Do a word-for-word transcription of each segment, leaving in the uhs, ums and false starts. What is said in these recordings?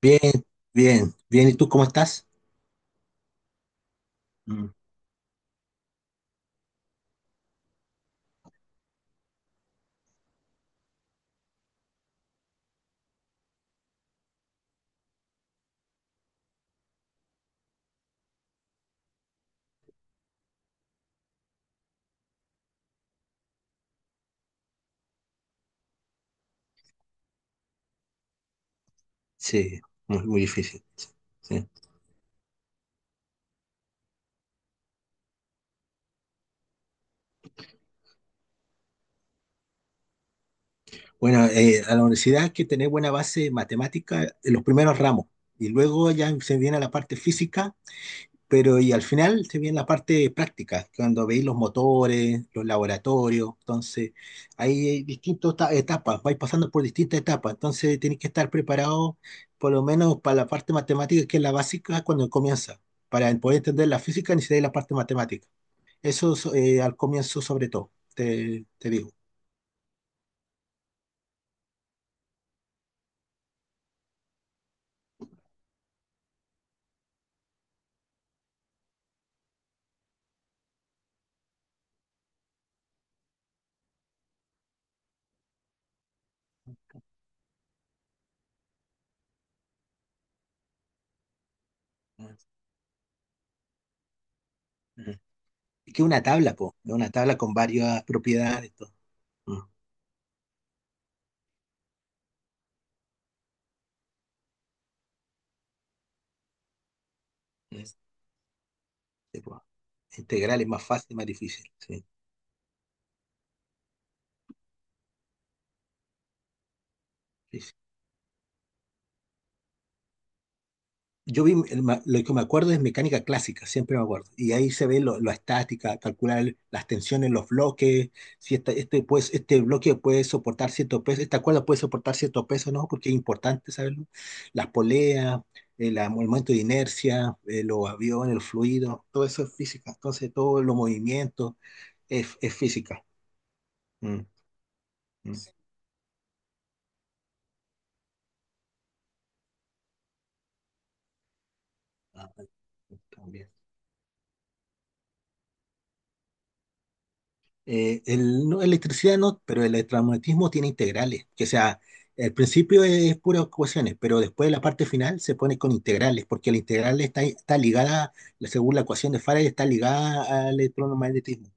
Bien, bien, bien. ¿Y tú cómo estás? Mm. Sí, muy, muy difícil. Sí, sí. Bueno, eh, a la universidad hay que tener buena base matemática en los primeros ramos y luego ya se viene la parte física, pero y al final se viene la parte práctica, cuando veis los motores, los laboratorios. Entonces, hay distintas ta- etapas, vais pasando por distintas etapas. Entonces, tienes que estar preparado por lo menos para la parte matemática, que es la básica cuando comienza. Para poder entender la física necesitáis la parte matemática. Eso so- eh, al comienzo sobre todo, te, te digo. Mm. Es que una tabla, po, es una tabla con varias propiedades, todo. Mm, mm, mm. Sí, po. Integral es más fácil, más difícil. Sí, sí, sí. Yo vi, el ma- lo que me acuerdo es mecánica clásica, siempre me acuerdo. Y ahí se ve lo, la estática, calcular el- las tensiones, los bloques, si esta- este, pues, este bloque puede soportar cierto peso, esta cuerda puede soportar cierto peso, ¿no? Porque es importante saberlo. Las poleas, el, el momento de inercia, eh, los aviones, el fluido, todo eso es física. Entonces, todos los movimientos es, es física. Mm, mm. Ah, también. Eh, el, no, electricidad no, pero el electromagnetismo tiene integrales, que sea, el principio es, puras ecuaciones, pero después la parte final se pone con integrales, porque la integral está, está ligada, según la ecuación de Faraday, está ligada al electromagnetismo.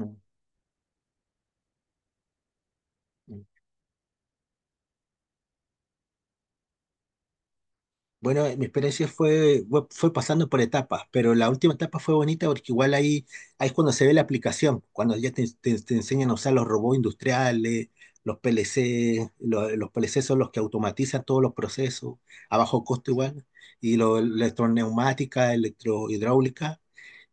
Mm. Bueno, mi experiencia fue, fue fue pasando por etapas, pero la última etapa fue bonita porque igual ahí, ahí es cuando se ve la aplicación, cuando ya te, te- te enseñan a usar los robots industriales, los P L C, lo- los, P L C son los que automatizan todos los procesos, a bajo costo igual, y lo, electroneumática, electrohidráulica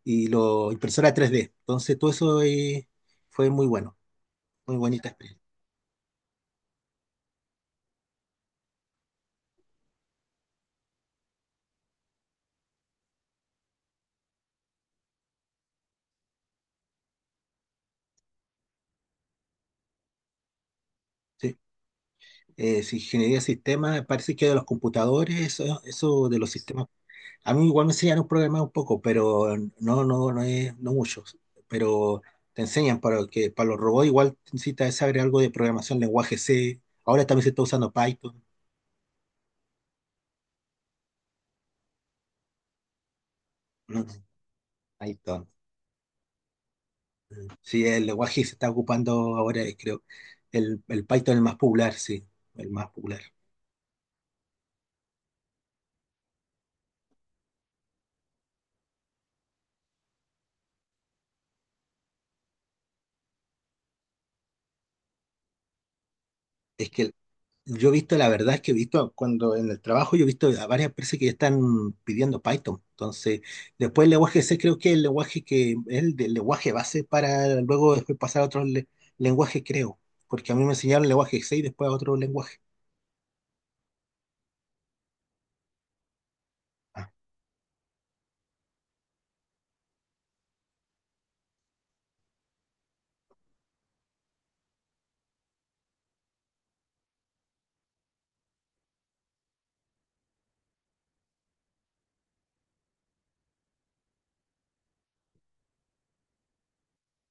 y lo, impresora tres D. Entonces todo eso eh, fue muy bueno, muy bonita experiencia. Sí. Eh, si ingeniería de sistemas, parece que de los computadores, eso, eso de los sistemas. A mí igual me enseñan un programar un poco, pero no, no, no es, no mucho. Pero te enseñan para que para los robots igual necesitas saber algo de programación, lenguaje C. Ahora también se está usando Python. ¿No? Python. Sí, el lenguaje que se está ocupando ahora, eh, creo. El, el Python es el más popular, sí, el más popular. Es que Yo he visto, la verdad es que he visto cuando en el trabajo, yo he visto a varias empresas que ya están pidiendo Python. Entonces, después el lenguaje C creo que es el lenguaje que es el, del lenguaje base para luego después pasar a otros le- lenguajes, creo. Porque a mí me enseñaron el lenguaje C y después a otro lenguaje. Ah,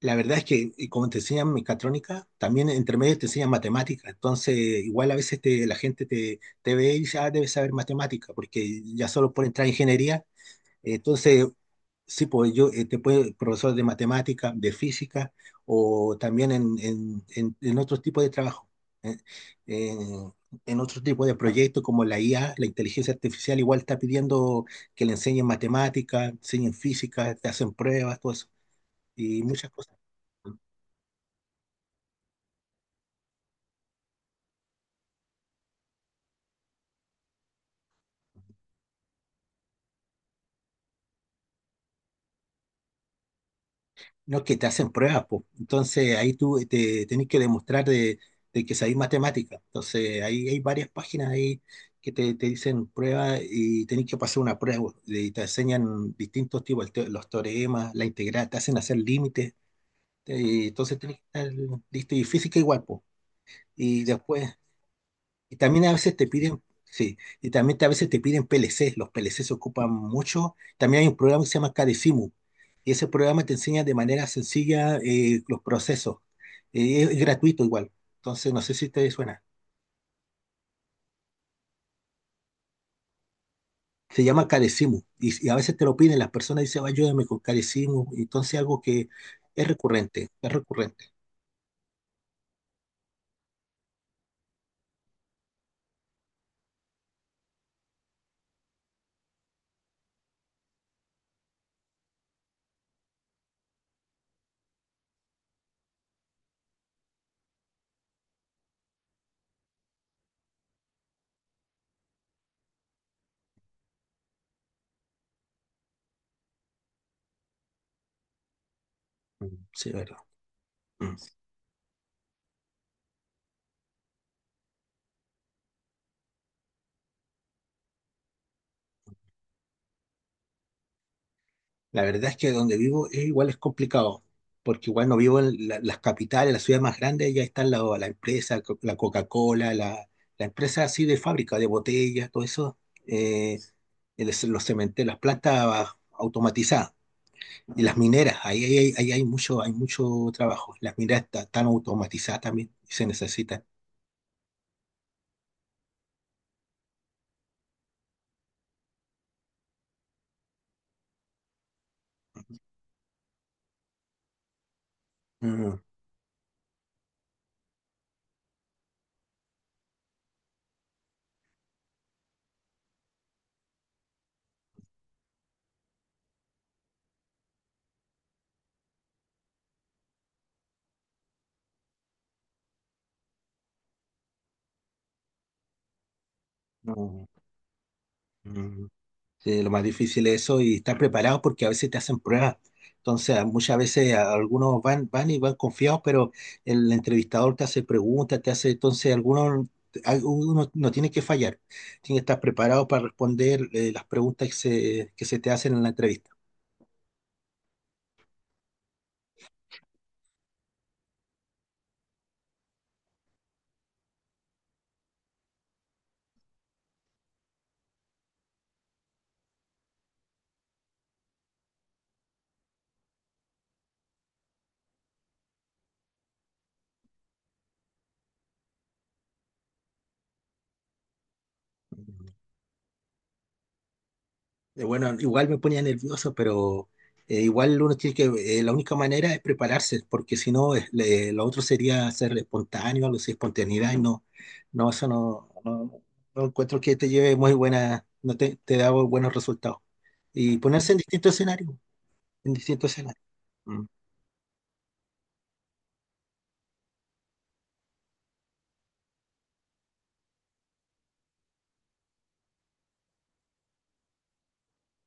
la verdad es que y como te enseñan mecatrónica, también entre medio te enseñan matemática. Entonces, igual a veces te- la gente te, te ve y dice, ah, debes saber matemática, porque ya solo por entrar a ingeniería. eh, Entonces, sí, pues yo eh, te puede, profesor de matemática, de física o también en, en, en, en otros tipos de trabajo, eh, eh, en otros tipos de proyectos como la I A, la inteligencia artificial, igual está pidiendo que le enseñen matemática, enseñen física, te hacen pruebas, todo eso, y muchas cosas. No, que te hacen pruebas, pues. Entonces ahí tú eh, te tenés que demostrar de, de que sabés matemática. Entonces ahí hay varias páginas ahí que te, te dicen pruebas y tenés que pasar una prueba. Y te enseñan distintos tipos, el te- los teoremas, la integral, te hacen hacer límites. te- entonces tenés que estar listo y física igual, pues. Y después, y también a veces te piden, sí, y también te- a veces te piden P L C, los P L C se ocupan mucho. También hay un programa que se llama Cadecimu, y ese programa te enseña de manera sencilla eh, los procesos. Eh, es gratuito igual, entonces no sé si te suena. Se llama Cadecimu, y, y a veces te lo piden, las personas dicen, ayúdame con Cadecimu, entonces algo que es recurrente, es recurrente. Mm. Sí, verdad. Mm. La verdad es que donde vivo es igual es complicado, porque igual no vivo en la- las capitales, las ciudades más grandes, ya están la, la empresa, co- la Coca-Cola, la, la empresa así de fábrica, de botellas, todo eso, eh, el- los cementerios, las plantas automatizadas y las mineras, ahí, ahí, hay- ahí hay mucho, hay mucho trabajo. Las mineras ta- están automatizadas también y se necesitan. Mm, mm, mm. Sí, lo más difícil es eso y estar preparado porque a veces te hacen pruebas. Entonces, a- muchas veces a- algunos van, van y van confiados, pero el entrevistador te hace preguntas, te hace, entonces algunos, algunos no tiene que fallar. Tiene que estar preparado para responder eh, las preguntas que se, que se te hacen en la entrevista. Eh, Bueno, igual me ponía nervioso, pero eh, igual uno tiene que, eh, la única manera es prepararse, porque si no, es- le- lo otro sería ser espontáneo, algo así, espontaneidad, y no, no, eso no, no, no encuentro que te lleve muy buena, no te, te da buenos resultados. Y ponerse en distintos escenarios, en distintos escenarios. Mm,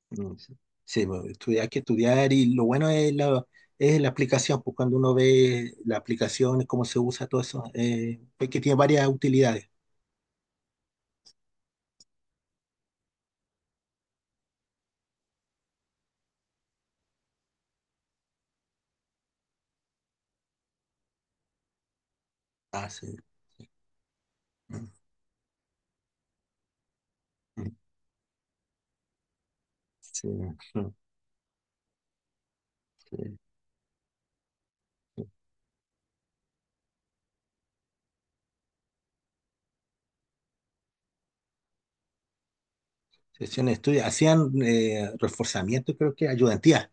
mm, sí. Sí, bueno, estudiar, hay que estudiar, y lo bueno es la, es la aplicación, pues cuando uno ve la aplicación, cómo se usa todo eso, eh, pues que tiene varias utilidades. Ah, sí. Sí, ujú, sí. Hacían estudios, hacían eh, reforzamiento, creo que ayudantía.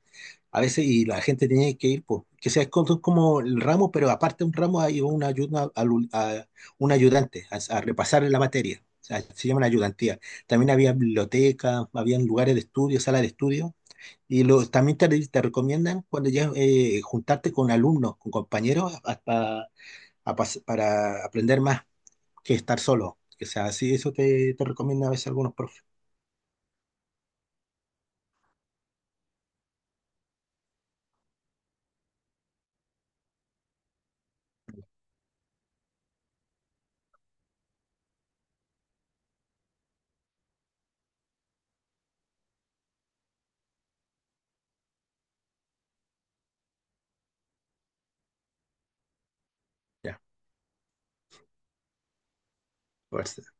A veces, y la gente tenía que ir, pues, que sea como como el ramo, pero aparte de un ramo hay una ayuda, al- a, un ayudante a, a repasar la materia. O sea, se llama ayudantía. También había biblioteca, habían lugares de estudio, sala de estudio. Y lo, también te, te recomiendan cuando ya eh, juntarte con alumnos, con compañeros, hasta, a pas- para aprender más que estar solo. O sea, sí, eso te, te recomienda a veces algunos profesores. Ya, fuerza.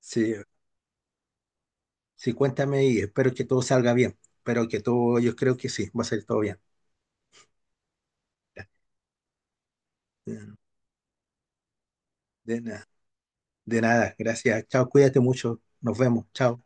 Sí, sí, cuéntame y espero que todo salga bien. Espero que todo, yo creo que sí, va a salir todo bien. Ya. De nada, de nada, gracias. Chao, cuídate mucho. Nos vemos. Chao.